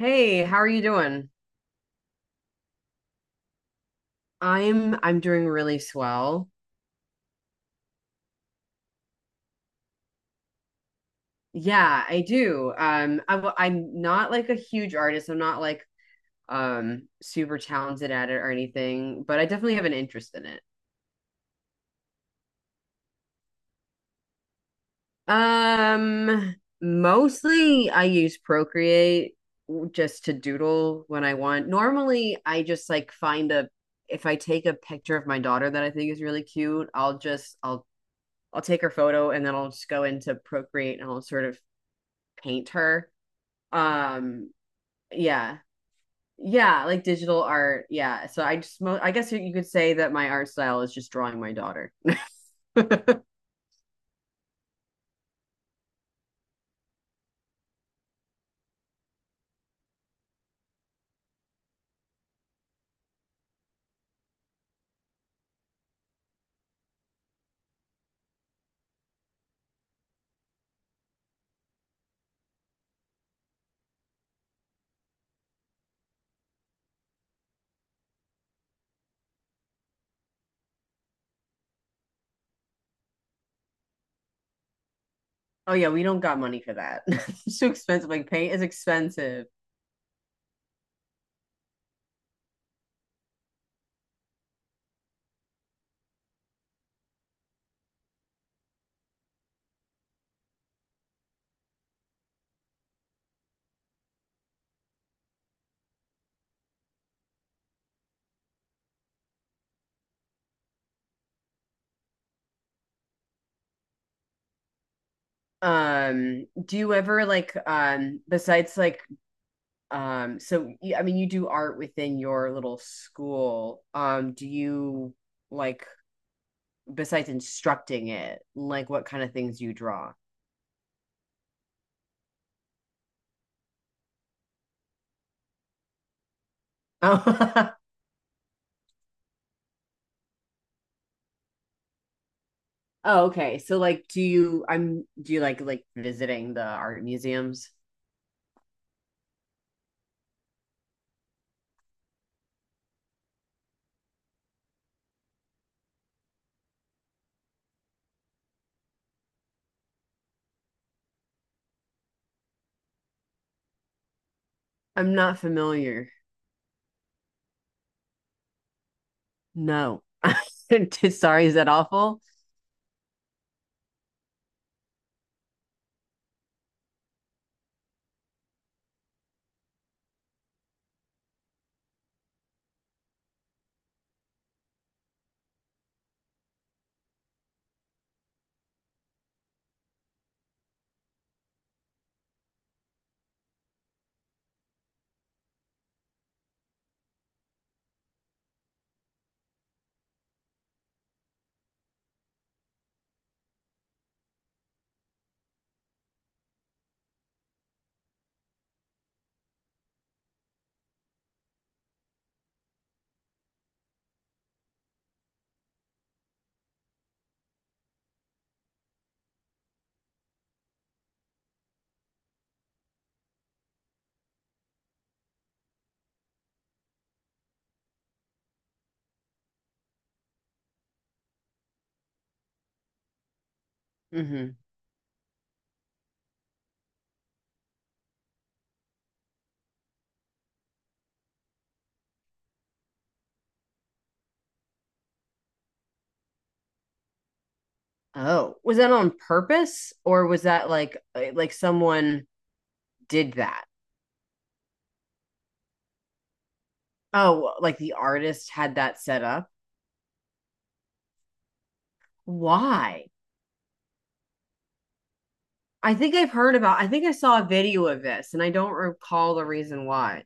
Hey, how are you doing? I'm doing really swell. Yeah, I do. I'm not like a huge artist. I'm not like super talented at it or anything, but I definitely have an interest in it. Um, mostly I use Procreate just to doodle when I want. Normally, I just like find a if I take a picture of my daughter that I think is really cute, I'll just I'll take her photo and then I'll just go into Procreate and I'll sort of paint her. Um, yeah. Yeah, like digital art. Yeah. So I just mo I guess you could say that my art style is just drawing my daughter. Oh yeah, we don't got money for that. It's too expensive. Like paint is expensive. Do you ever besides I mean, you do art within your little school. Do you, like besides instructing it, like what kind of things you draw? Oh. Oh, okay. So do you like visiting the art museums? I'm not familiar. No. Sorry, is that awful? Hmm. Oh, was that on purpose or was that like someone did that? Oh, like the artist had that set up? Why? I think I've heard about, I think I saw a video of this and I don't recall the reason why.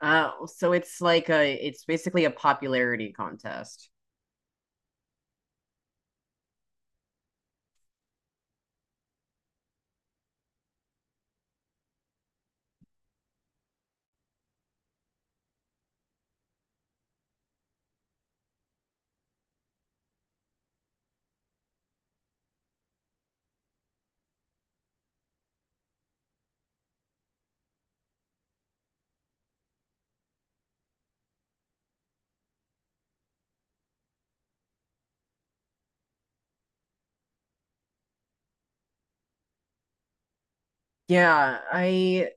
Oh, so it's like a it's basically a popularity contest. Yeah, I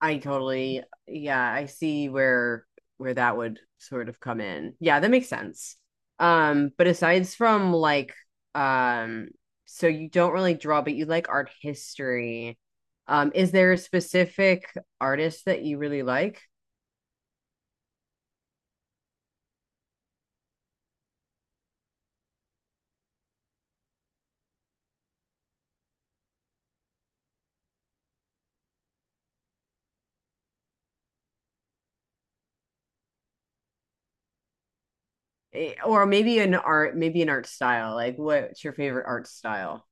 I totally, yeah, I see where that would sort of come in. Yeah, that makes sense. But um, so you don't really draw, but you like art history. Is there a specific artist that you really like? Eh, or maybe maybe an art style? Like, what's your favorite art style?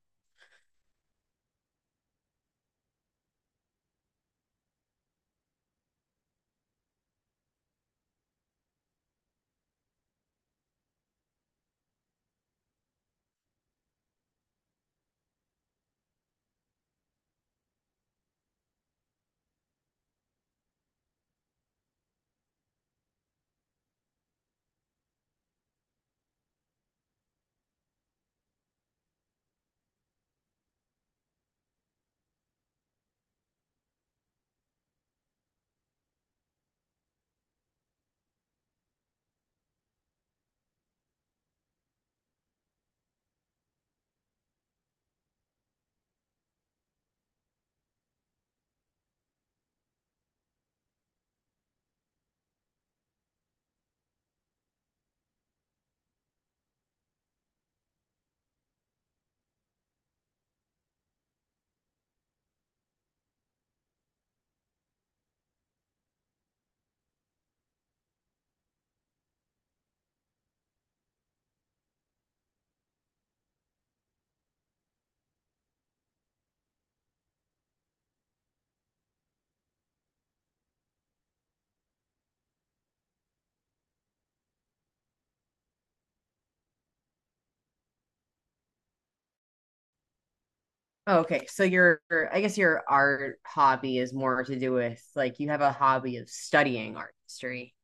Oh, okay, I guess your art hobby is more to do with like you have a hobby of studying art history.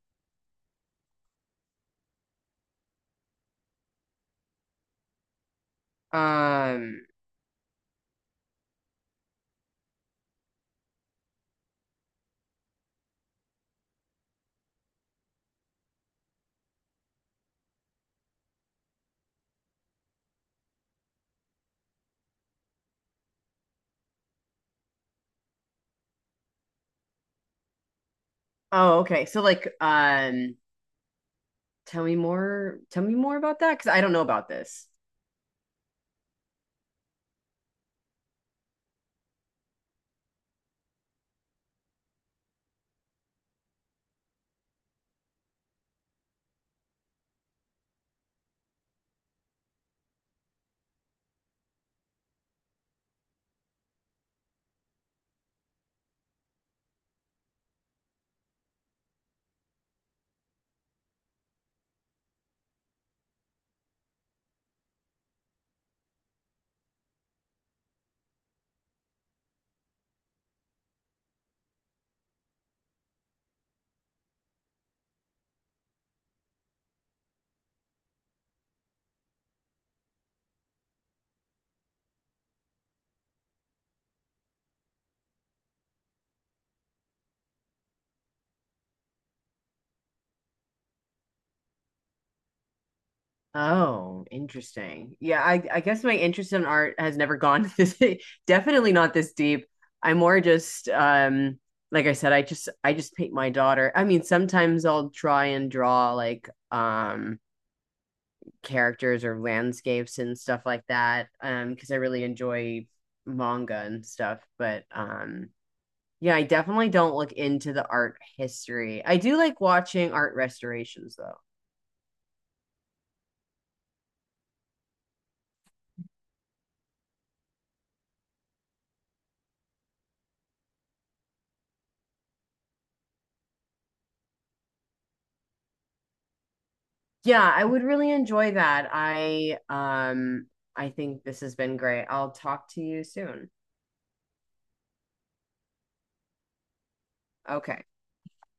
Um, Oh, okay. So tell me more about that, because I don't know about this. Oh, interesting. Yeah, I guess my interest in art has never gone this, definitely not this deep. I'm more just like I said, I just paint my daughter. I mean, sometimes I'll try and draw like characters or landscapes and stuff like that because I really enjoy manga and stuff, but yeah. I definitely don't look into the art history. I do like watching art restorations though. Yeah, I would really enjoy that. I think this has been great. I'll talk to you soon. Okay.